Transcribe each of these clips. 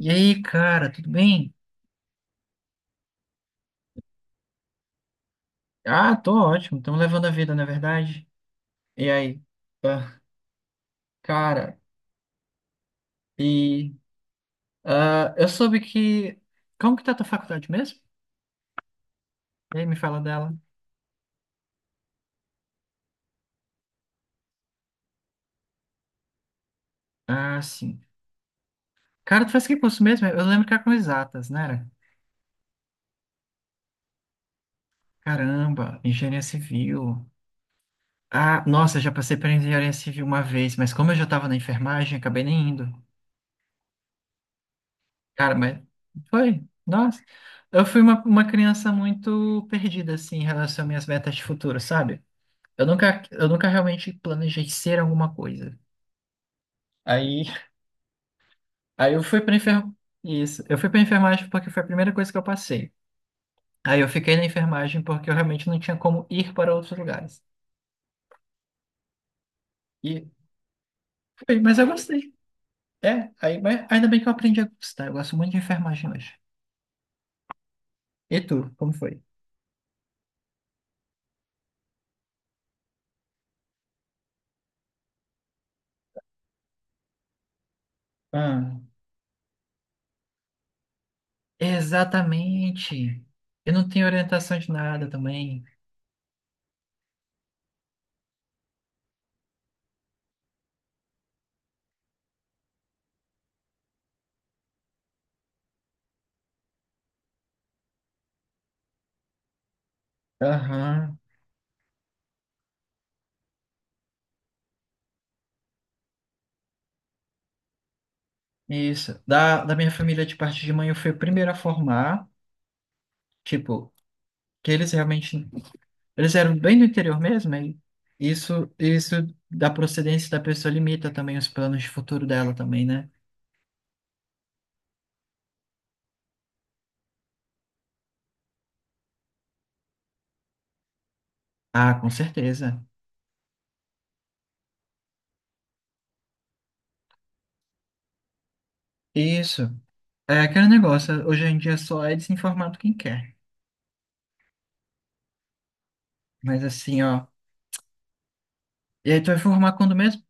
E aí, cara, tudo bem? Ah, tô ótimo, estamos levando a vida, na verdade. E aí? Ah, cara, e eu soube que. Como que tá a tua faculdade mesmo? E aí, me fala dela. Ah, sim. Cara, tu faz que curso mesmo? Eu lembro que era com exatas, né? Era? Caramba, engenharia civil. Ah, nossa, já passei por engenharia civil uma vez, mas como eu já tava na enfermagem, acabei nem indo. Cara, mas foi, nossa. Eu fui uma criança muito perdida, assim, em relação às minhas metas de futuro, sabe? Eu nunca realmente planejei ser alguma coisa. Aí, aí eu fui para enfermagem. Isso. Eu fui para enfermagem porque foi a primeira coisa que eu passei. Aí eu fiquei na enfermagem porque eu realmente não tinha como ir para outros lugares. E foi, mas eu gostei. É, aí, mas ainda bem que eu aprendi a gostar. Eu gosto muito de enfermagem hoje. E tu, como foi? Ah, exatamente. Eu não tenho orientação de nada também. Aham, isso. Da minha família de parte de mãe, eu fui o primeiro a formar. Tipo, que eles realmente. Eles eram bem do interior mesmo, e isso da procedência da pessoa limita também os planos de futuro dela também, né? Ah, com certeza. Isso. É aquele negócio, hoje em dia só é desinformado quem quer. Mas assim, ó. E aí tu vai formar quando mesmo?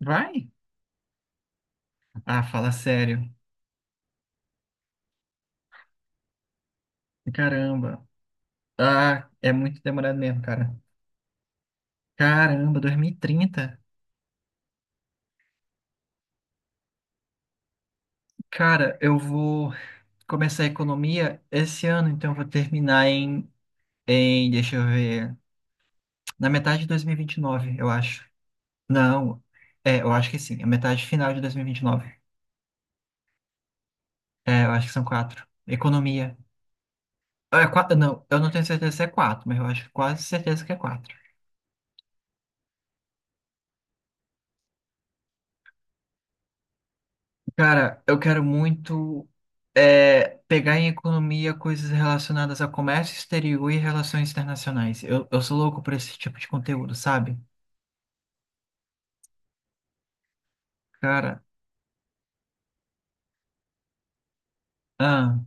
Vai? Ah, fala sério. Caramba. Ah, é muito demorado mesmo, cara. Caramba, 2030. Cara, eu vou começar a economia esse ano, então eu vou terminar em, deixa eu ver. Na metade de dois mil e vinte e nove, eu acho. Não, é, eu acho que sim. A metade final de 2029. É, eu acho que são quatro. Economia. É, quatro, não, eu não tenho certeza se é quatro, mas eu acho quase certeza que é quatro. Cara, eu quero muito pegar em economia coisas relacionadas a comércio exterior e relações internacionais. Eu sou louco por esse tipo de conteúdo, sabe? Cara, ah,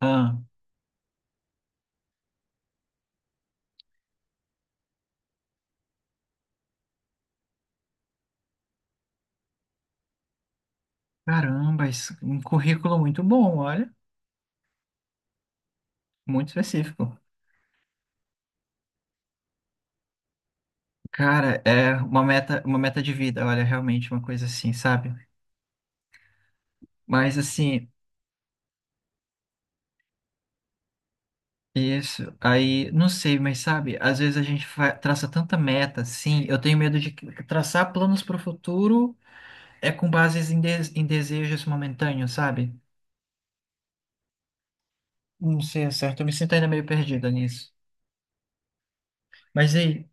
ah, caramba, isso, um currículo muito bom, olha, muito específico. Cara, é uma meta de vida, olha, realmente uma coisa assim, sabe? Mas assim, isso, aí, não sei, mas sabe, às vezes a gente traça tanta meta, assim, eu tenho medo de traçar planos para o futuro é com bases em desejos momentâneos, sabe? Não sei, é certo, eu me sinto ainda meio perdida nisso. Mas e aí,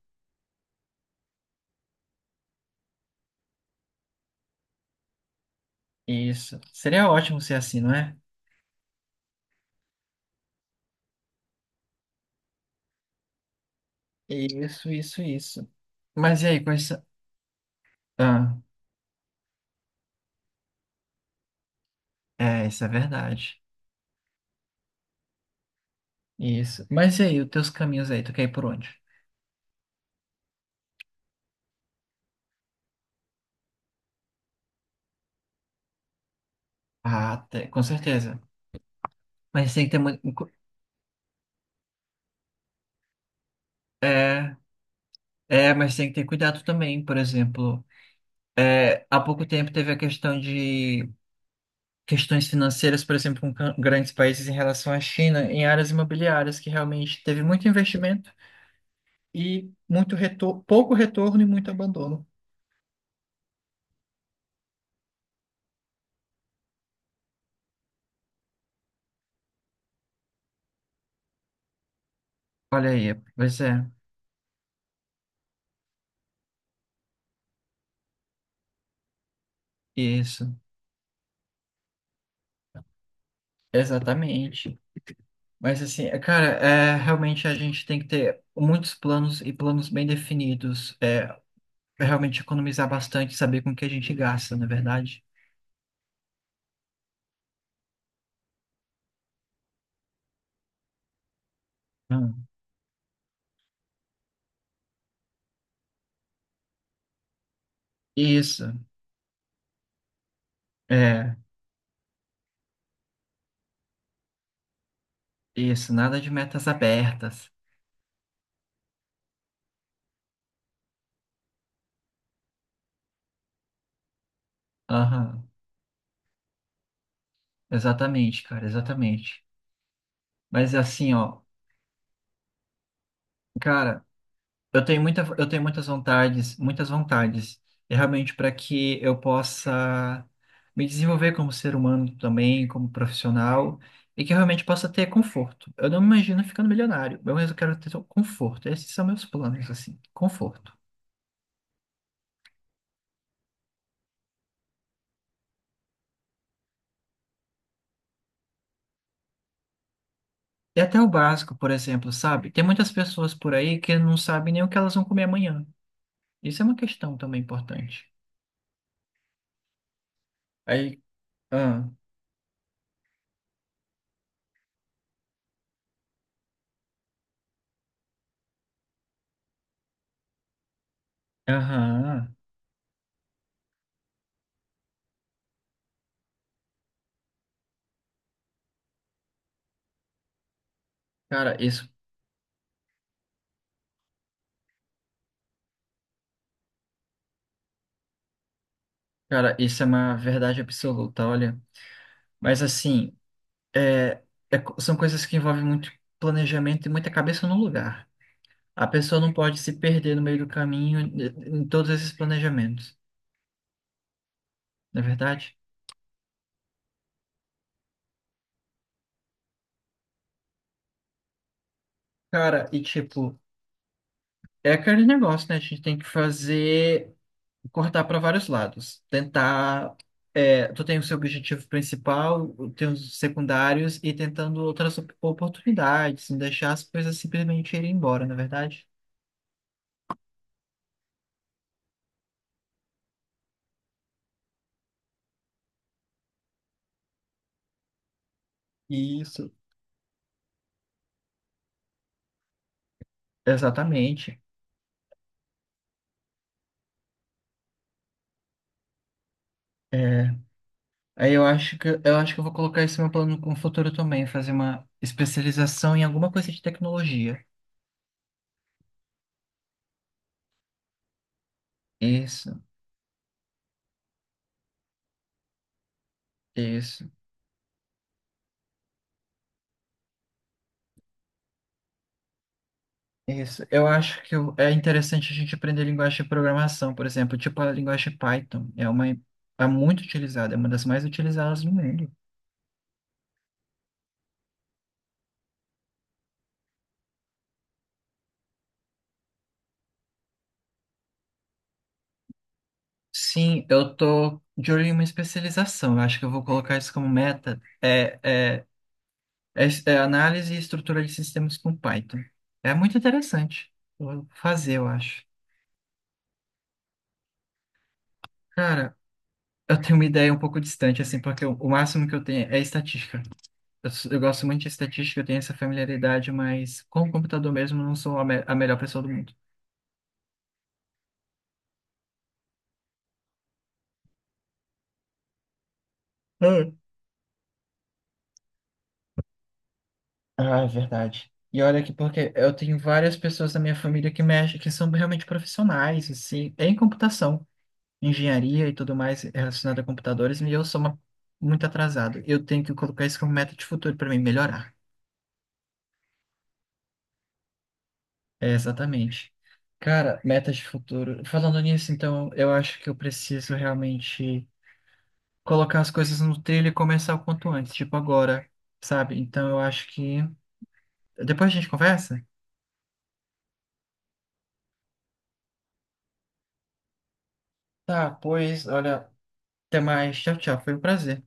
isso, seria ótimo ser assim, não é? Isso, isso, isso. Mas e aí, quais são... Ah, é, isso é verdade. Isso. Mas e aí, os teus caminhos aí, tu quer ir por onde? Ah, com certeza. Mas tem que ter muito. É, é, mas tem que ter cuidado também. Por exemplo, há pouco tempo teve a questão de questões financeiras, por exemplo, com grandes países em relação à China, em áreas imobiliárias, que realmente teve muito investimento e muito retor pouco retorno e muito abandono. Olha aí, pois é, isso, exatamente. Mas assim, cara, realmente a gente tem que ter muitos planos e planos bem definidos. É, para realmente economizar bastante, e saber com o que a gente gasta, não é verdade? Hum. Isso, é, isso, nada de metas abertas. Aham, exatamente, cara, exatamente. Mas assim, ó, cara, eu tenho muitas vontades, e realmente para que eu possa me desenvolver como ser humano também, como profissional, e que eu realmente possa ter conforto. Eu não me imagino ficando milionário, mas eu quero ter conforto. Esses são meus planos, assim, conforto. E até o básico, por exemplo, sabe? Tem muitas pessoas por aí que não sabem nem o que elas vão comer amanhã. Isso é uma questão também importante. Aí, ah, aham. Cara, isso, cara, isso é uma verdade absoluta, olha. Mas assim, é, são coisas que envolvem muito planejamento e muita cabeça no lugar. A pessoa não pode se perder no meio do caminho em em todos esses planejamentos, não é verdade? Cara, e tipo, é aquele negócio, né? A gente tem que fazer. Cortar para vários lados. Tentar. Tu tem o seu objetivo principal, tem os secundários e tentando outras oportunidades, não deixar as coisas simplesmente irem embora, na é verdade? Isso. Exatamente. É, aí eu acho que eu vou colocar esse meu plano com o futuro também, fazer uma especialização em alguma coisa de tecnologia. Isso, isso. Isso. Eu acho que é interessante a gente aprender linguagem de programação, por exemplo, tipo a linguagem Python. É uma é muito utilizada, é uma das mais utilizadas no mundo. Sim, eu tô de olho em uma especialização. Eu acho que eu vou colocar isso como meta. É análise e estrutura de sistemas com Python. É muito interessante. Eu vou fazer, eu acho. Cara, eu tenho uma ideia um pouco distante, assim, porque o máximo que eu tenho é estatística. Eu gosto muito de estatística, eu tenho essa familiaridade, mas com o computador mesmo eu não sou a melhor pessoa do mundo. Ah, Ah, é verdade. E olha que porque eu tenho várias pessoas da minha família que mexem, que são realmente profissionais, assim, em computação, engenharia e tudo mais relacionado a computadores, e eu sou muito atrasado. Eu tenho que colocar isso como meta de futuro para mim melhorar. É, exatamente. Cara, metas de futuro. Falando nisso, então, eu acho que eu preciso realmente colocar as coisas no trilho e começar o quanto antes, tipo agora, sabe? Então eu acho que. Depois a gente conversa? Tá, pois, olha, até mais. Tchau, tchau. Foi um prazer.